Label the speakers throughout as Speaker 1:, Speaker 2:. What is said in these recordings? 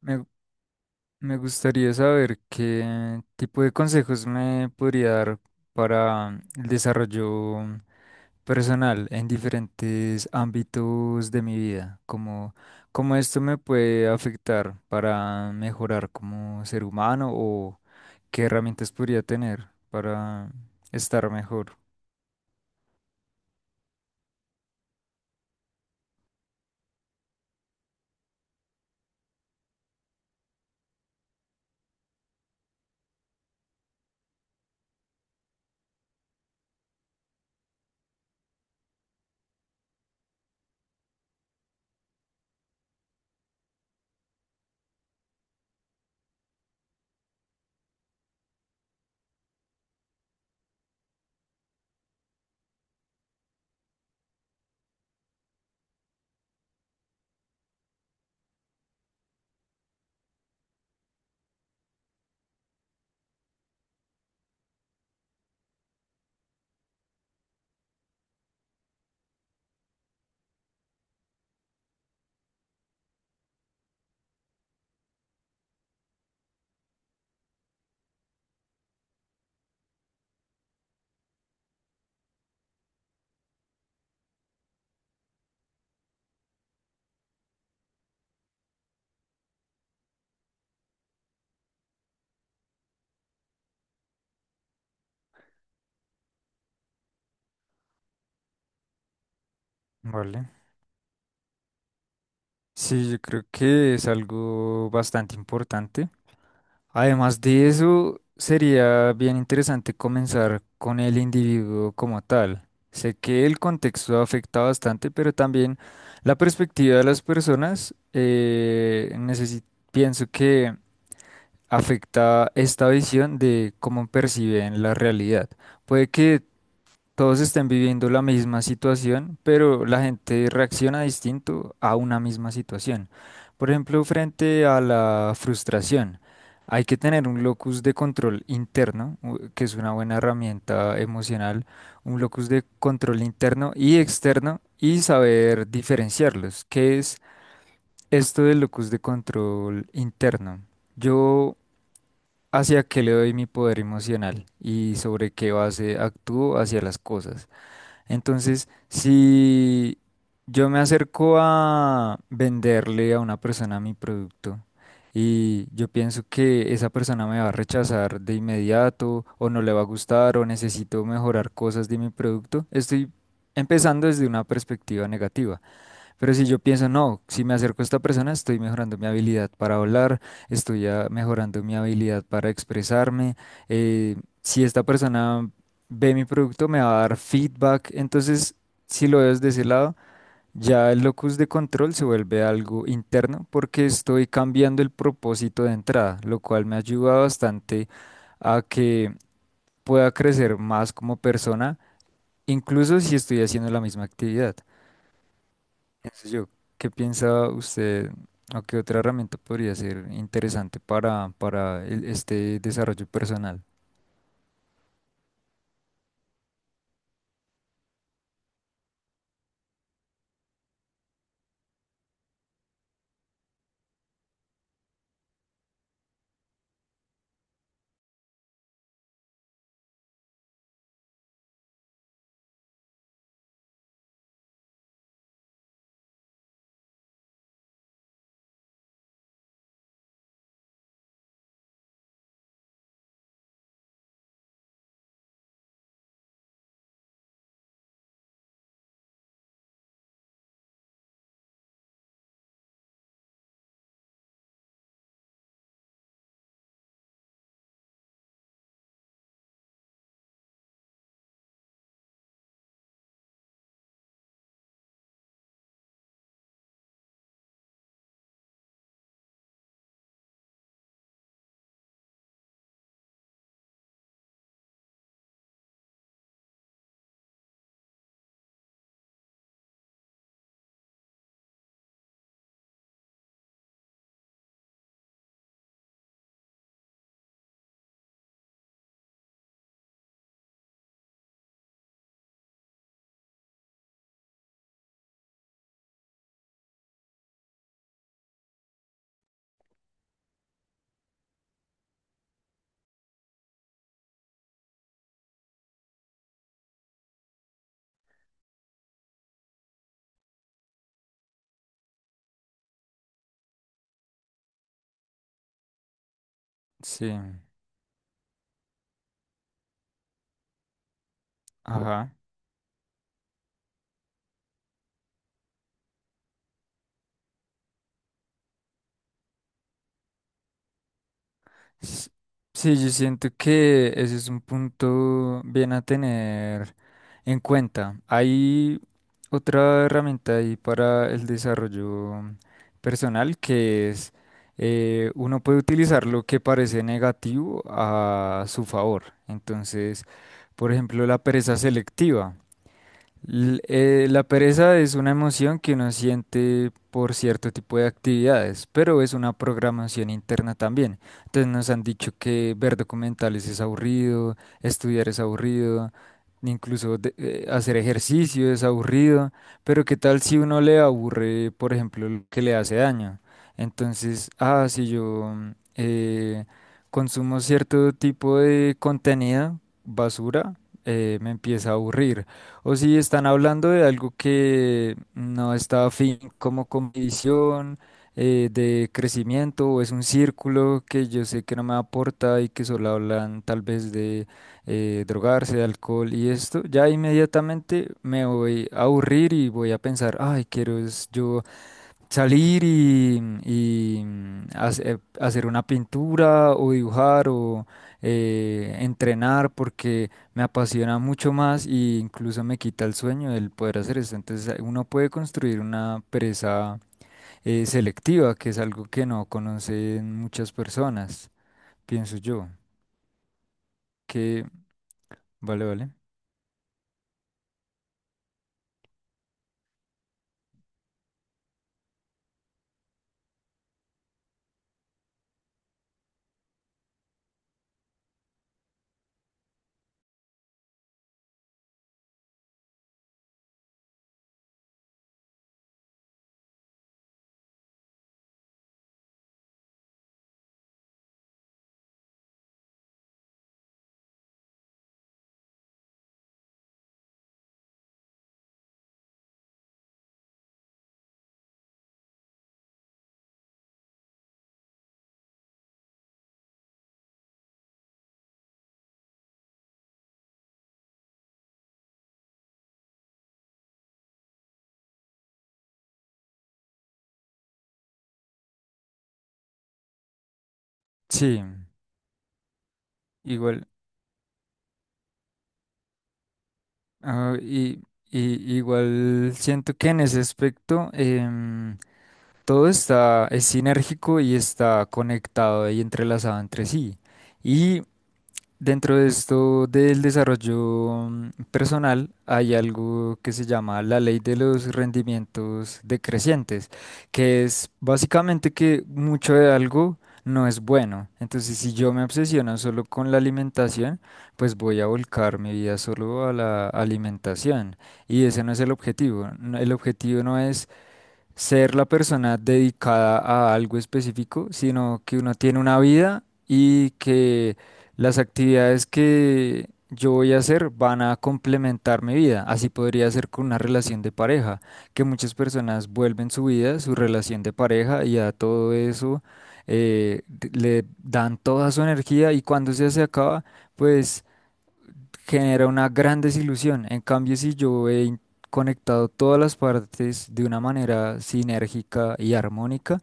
Speaker 1: Me, me gustaría saber qué tipo de consejos me podría dar para el desarrollo personal en diferentes ámbitos de mi vida, como cómo esto me puede afectar para mejorar como ser humano o qué herramientas podría tener para estar mejor, ¿vale? Sí, yo creo que es algo bastante importante. Además de eso, sería bien interesante comenzar con el individuo como tal. Sé que el contexto afecta bastante, pero también la perspectiva de las personas, pienso que afecta esta visión de cómo perciben la realidad. Puede que todos estén viviendo la misma situación, pero la gente reacciona distinto a una misma situación. Por ejemplo, frente a la frustración, hay que tener un locus de control interno, que es una buena herramienta emocional, un locus de control interno y externo y saber diferenciarlos. ¿Qué es esto del locus de control interno? Yo, ¿hacia qué le doy mi poder emocional y sobre qué base actúo hacia las cosas? Entonces, si yo me acerco a venderle a una persona mi producto y yo pienso que esa persona me va a rechazar de inmediato o no le va a gustar o necesito mejorar cosas de mi producto, estoy empezando desde una perspectiva negativa. Pero si yo pienso, no, si me acerco a esta persona, estoy mejorando mi habilidad para hablar, estoy mejorando mi habilidad para expresarme. eh, si esta persona ve mi producto, me va a dar feedback. Entonces, si lo veo desde ese lado, ya el locus de control se vuelve algo interno porque estoy cambiando el propósito de entrada, lo cual me ayuda bastante a que pueda crecer más como persona, incluso si estoy haciendo la misma actividad, pienso yo. ¿Qué piensa usted o qué otra herramienta podría ser interesante para este desarrollo personal? Sí, ajá. S- Sí, yo siento que ese es un punto bien a tener en cuenta. Hay otra herramienta ahí para el desarrollo personal, que es uno puede utilizar lo que parece negativo a su favor. Entonces, por ejemplo, la pereza selectiva. La pereza es una emoción que uno siente por cierto tipo de actividades, pero es una programación interna también. Entonces nos han dicho que ver documentales es aburrido, estudiar es aburrido, incluso hacer ejercicio es aburrido, pero ¿qué tal si uno le aburre, por ejemplo, lo que le hace daño? Entonces, si yo consumo cierto tipo de contenido, basura, me empieza a aburrir. O si están hablando de algo que no está afín como con mi visión de crecimiento, o es un círculo que yo sé que no me aporta y que solo hablan tal vez de drogarse, de alcohol y esto, ya inmediatamente me voy a aburrir y voy a pensar, ay, quiero es yo salir y hacer una pintura o dibujar o entrenar porque me apasiona mucho más e incluso me quita el sueño el poder hacer esto. Entonces uno puede construir una pereza selectiva, que es algo que no conocen muchas personas, pienso yo. Que vale, vale. Sí, igual. ah, y, y igual siento que en ese aspecto... todo está, es sinérgico y está conectado y entrelazado entre sí. Y dentro de esto del desarrollo personal hay algo que se llama la ley de los rendimientos decrecientes, que es básicamente que mucho de algo no es bueno. Entonces, si yo me obsesiono solo con la alimentación, pues voy a volcar mi vida solo a la alimentación. Y ese no es el objetivo. El objetivo no es ser la persona dedicada a algo específico, sino que uno tiene una vida y que las actividades que yo voy a hacer van a complementar mi vida. Así podría ser con una relación de pareja, que muchas personas vuelven su vida, su relación de pareja y a todo eso le dan toda su energía, y cuando se acaba, pues genera una gran desilusión. En cambio, si yo he conectado todas las partes de una manera sinérgica y armónica,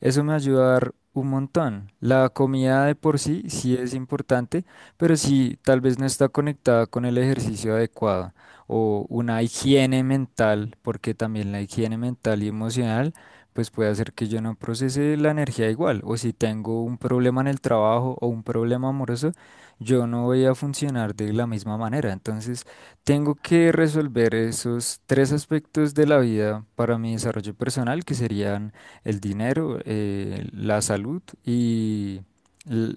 Speaker 1: eso me va a ayudar un montón. La comida de por sí sí es importante, pero sí tal vez no está conectada con el ejercicio adecuado o una higiene mental, porque también la higiene mental y emocional pues puede hacer que yo no procese la energía igual, o si tengo un problema en el trabajo o un problema amoroso, yo no voy a funcionar de la misma manera. Entonces, tengo que resolver esos tres aspectos de la vida para mi desarrollo personal, que serían el dinero, la salud y l-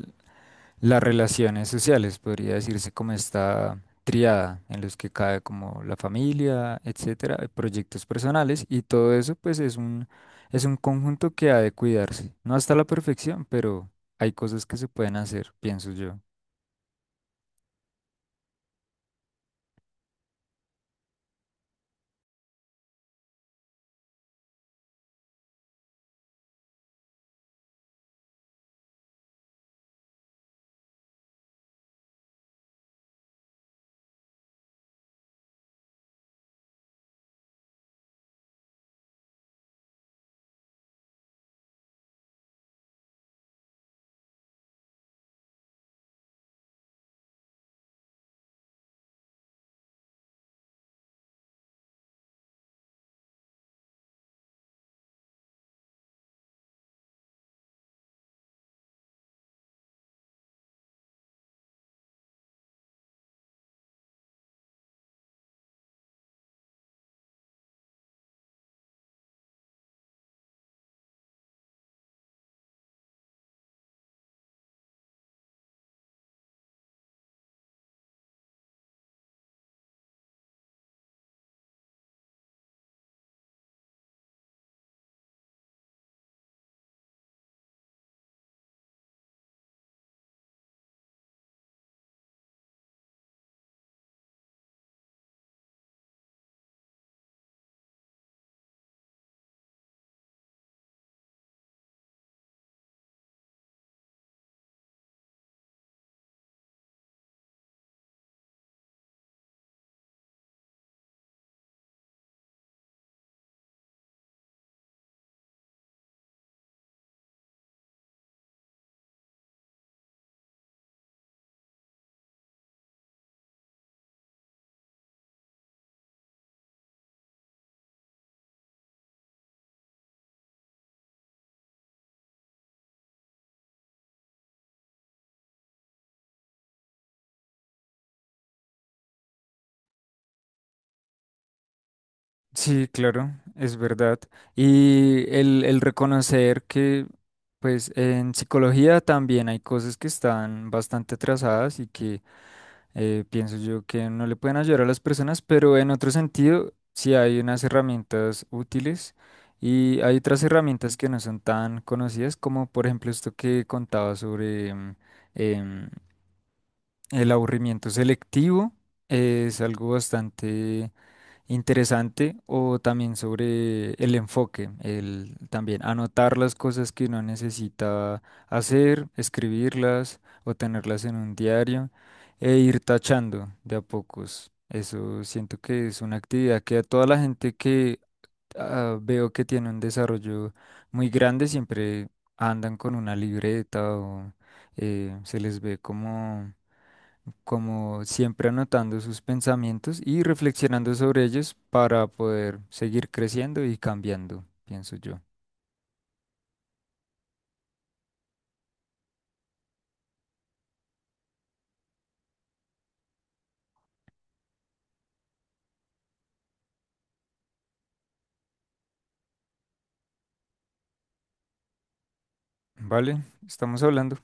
Speaker 1: las relaciones sociales, podría decirse como esta triada en los que cae como la familia, etcétera, proyectos personales, y todo eso pues es un conjunto que ha de cuidarse. No hasta la perfección, pero hay cosas que se pueden hacer, pienso yo. Sí, claro, es verdad. Y el reconocer que, pues, en psicología también hay cosas que están bastante atrasadas y que pienso yo que no le pueden ayudar a las personas, pero en otro sentido, sí hay unas herramientas útiles, y hay otras herramientas que no son tan conocidas, como por ejemplo esto que contaba sobre em, el aburrimiento selectivo. Es algo bastante interesante. O también sobre el enfoque, el también anotar las cosas que uno necesita hacer, escribirlas o tenerlas en un diario, e ir tachando de a pocos. Eso siento que es una actividad que a toda la gente que veo que tiene un desarrollo muy grande, siempre andan con una libreta o se les ve como como siempre anotando sus pensamientos y reflexionando sobre ellos para poder seguir creciendo y cambiando, pienso yo. ¿Vale? Estamos hablando.